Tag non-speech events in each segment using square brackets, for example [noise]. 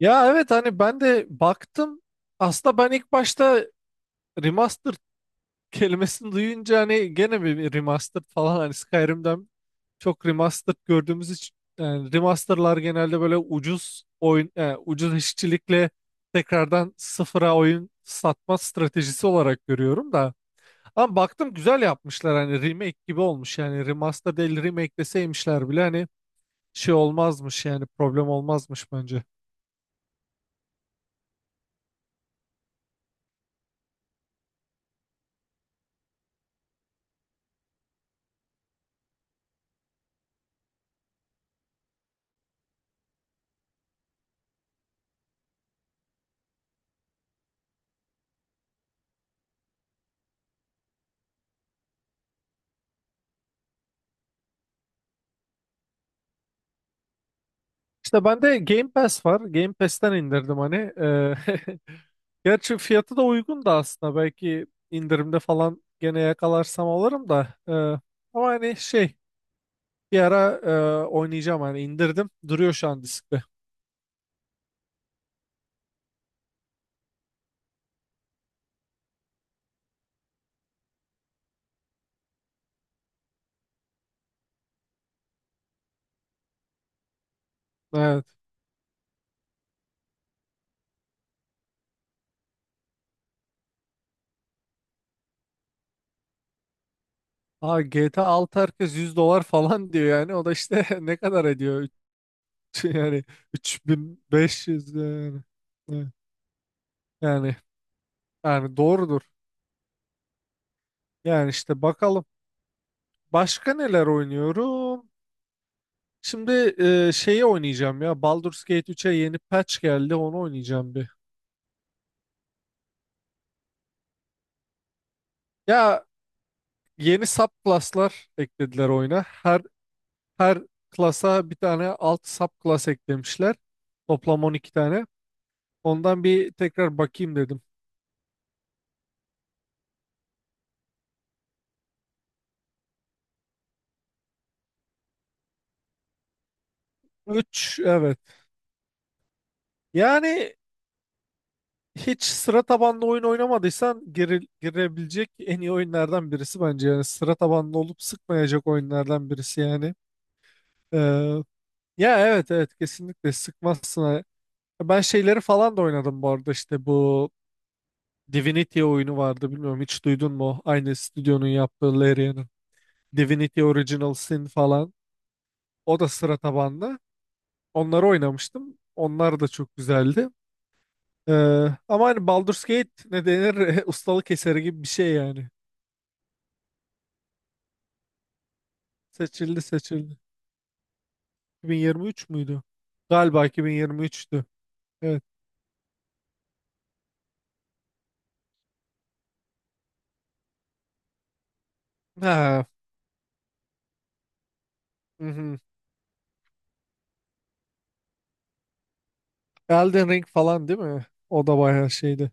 Ya evet, hani ben de baktım. Aslında ben ilk başta remastered kelimesini duyunca hani gene bir remastered falan, hani Skyrim'den çok remastered gördüğümüz için, yani remasterlar genelde böyle ucuz oyun ucuz işçilikle tekrardan sıfıra oyun satma stratejisi olarak görüyorum da. Ama baktım güzel yapmışlar, hani remake gibi olmuş. Yani remaster değil remake deseymişler bile hani şey olmazmış, yani problem olmazmış bence. İşte bende Game Pass var. Game Pass'ten indirdim hani. [laughs] Gerçi fiyatı da uygun da aslında. Belki indirimde falan gene yakalarsam alırım da. Ama hani şey, bir ara oynayacağım hani, indirdim. Duruyor şu an diskte. Evet. Aa, GTA 6 herkes 100 dolar falan [laughs] diyor yani. O da işte [laughs] ne kadar ediyor? [laughs] Yani 3.500 yani. Evet. Yani yani doğrudur. Yani işte bakalım. Başka neler oynuyorum? Şimdi şeyi oynayacağım ya. Baldur's Gate 3'e yeni patch geldi. Onu oynayacağım bir. Ya, yeni subclass'lar eklediler oyuna. Her klasa bir tane alt subclass eklemişler. Toplam 12 tane. Ondan bir tekrar bakayım dedim. Üç, evet. Yani hiç sıra tabanlı oyun oynamadıysan girebilecek en iyi oyunlardan birisi bence. Yani sıra tabanlı olup sıkmayacak oyunlardan birisi yani. Ee, ya evet evet, kesinlikle sıkmazsın. Ha. Ben şeyleri falan da oynadım bu arada, işte bu Divinity oyunu vardı, bilmiyorum hiç duydun mu? Aynı stüdyonun yaptığı, Larian'ın. Divinity Original Sin falan. O da sıra tabanlı. Onları oynamıştım. Onlar da çok güzeldi. Ee, ama hani Baldur's Gate ne denir? [laughs] Ustalık eseri gibi bir şey yani. Seçildi, seçildi. 2023 müydü? Galiba 2023'tü. Evet. Ha, hı hı. Elden Ring falan değil mi? O da bayağı şeydi.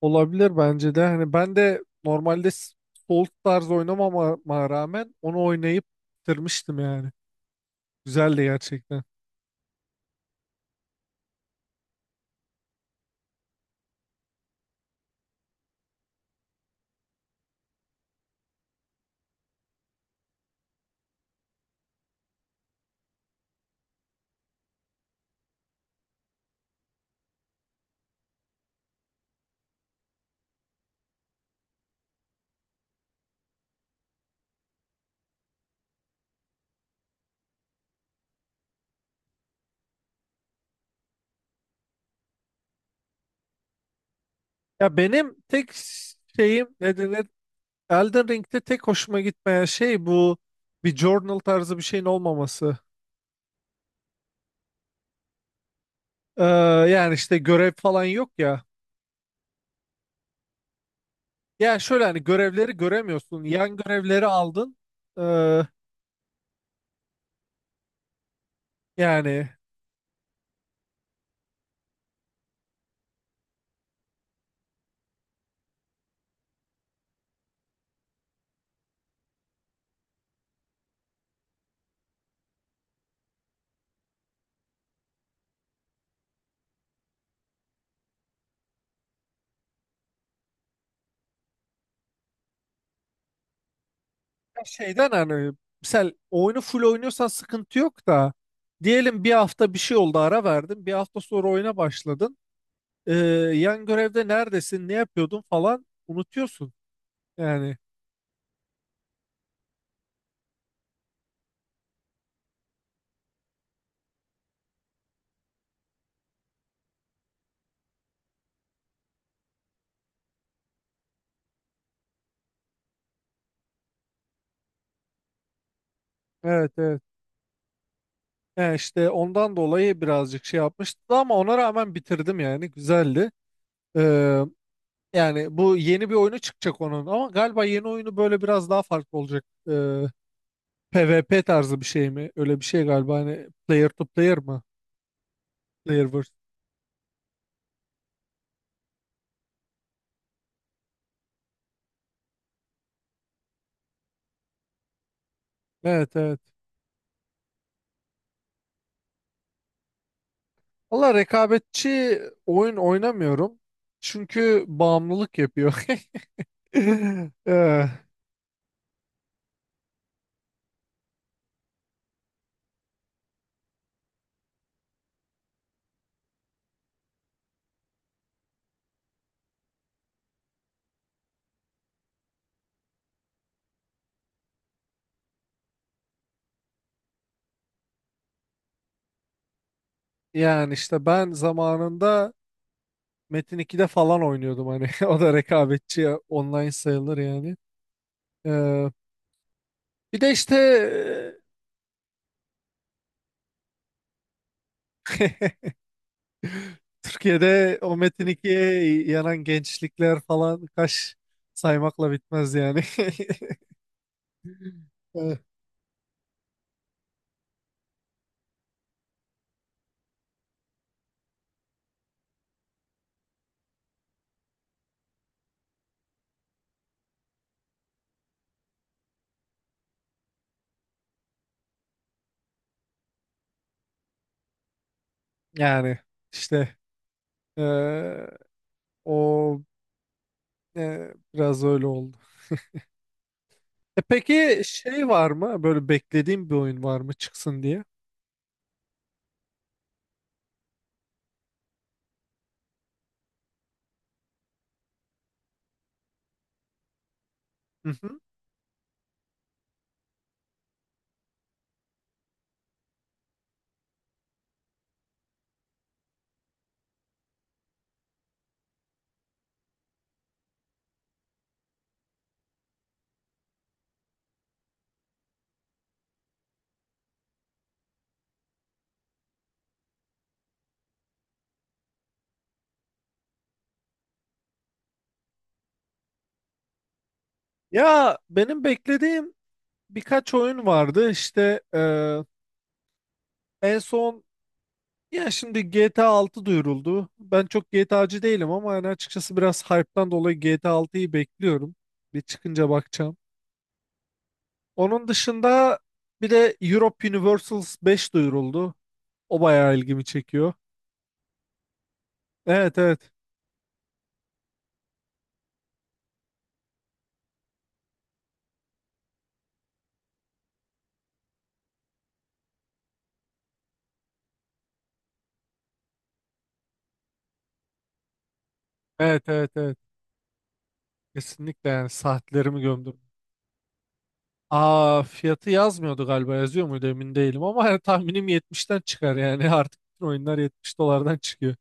Olabilir bence de. Hani ben de normalde Souls tarzı oynamama rağmen onu oynayıp bitirmiştim yani. Güzeldi gerçekten. Ya benim tek şeyim ne denir? Elden Ring'de tek hoşuma gitmeyen şey bu, bir journal tarzı bir şeyin olmaması. Ee, yani işte görev falan yok ya. Yani şöyle, hani görevleri göremiyorsun. Yan görevleri aldın. Ee, yani şeyden, hani mesela oyunu full oynuyorsan sıkıntı yok da, diyelim bir hafta bir şey oldu, ara verdin. Bir hafta sonra oyuna başladın. Ee, yan görevde neredesin, ne yapıyordun falan unutuyorsun. Yani evet, evet. Yani işte ondan dolayı birazcık şey yapmıştı, ama ona rağmen bitirdim, yani güzeldi. Ee, yani bu, yeni bir oyunu çıkacak onun, ama galiba yeni oyunu böyle biraz daha farklı olacak. Ee, PvP tarzı bir şey mi? Öyle bir şey galiba, hani player to player mı? Player vs. Evet evet. Valla rekabetçi oyun oynamıyorum. Çünkü bağımlılık yapıyor. [laughs] Eh, yani işte ben zamanında Metin 2'de falan oynuyordum hani. [laughs] O da rekabetçi ya, online sayılır yani. Eh, bir de işte eh, [laughs] Türkiye'de o Metin 2'ye yanan gençlikler falan kaç, saymakla bitmez yani. [laughs] Eh, yani işte eee, o biraz öyle oldu. E peki şey var mı? Böyle beklediğim bir oyun var mı çıksın diye? Hı hı. Ya benim beklediğim birkaç oyun vardı. İşte en son, ya şimdi GTA 6 duyuruldu. Ben çok GTA'cı değilim ama yani açıkçası biraz hype'tan dolayı GTA 6'yı bekliyorum. Bir çıkınca bakacağım. Onun dışında bir de Europe Universals 5 duyuruldu. O bayağı ilgimi çekiyor. Evet evet. Evet evet evet. Kesinlikle, yani saatlerimi gömdüm. Aa, fiyatı yazmıyordu galiba, yazıyor muydu emin değilim ama [laughs] yani tahminim 70'ten çıkar yani. [laughs] Artık bütün oyunlar 70 dolardan çıkıyor.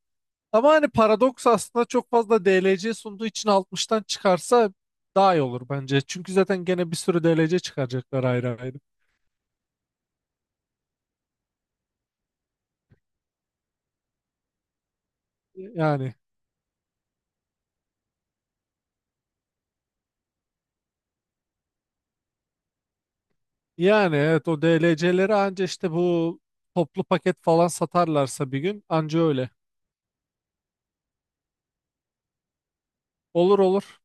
Ama hani paradoks aslında çok fazla DLC sunduğu için 60'tan çıkarsa daha iyi olur bence. Çünkü zaten gene bir sürü DLC çıkaracaklar ayrı ayrı. Yani yani evet, o DLC'leri anca işte bu toplu paket falan satarlarsa, bir gün anca öyle. Olur olur.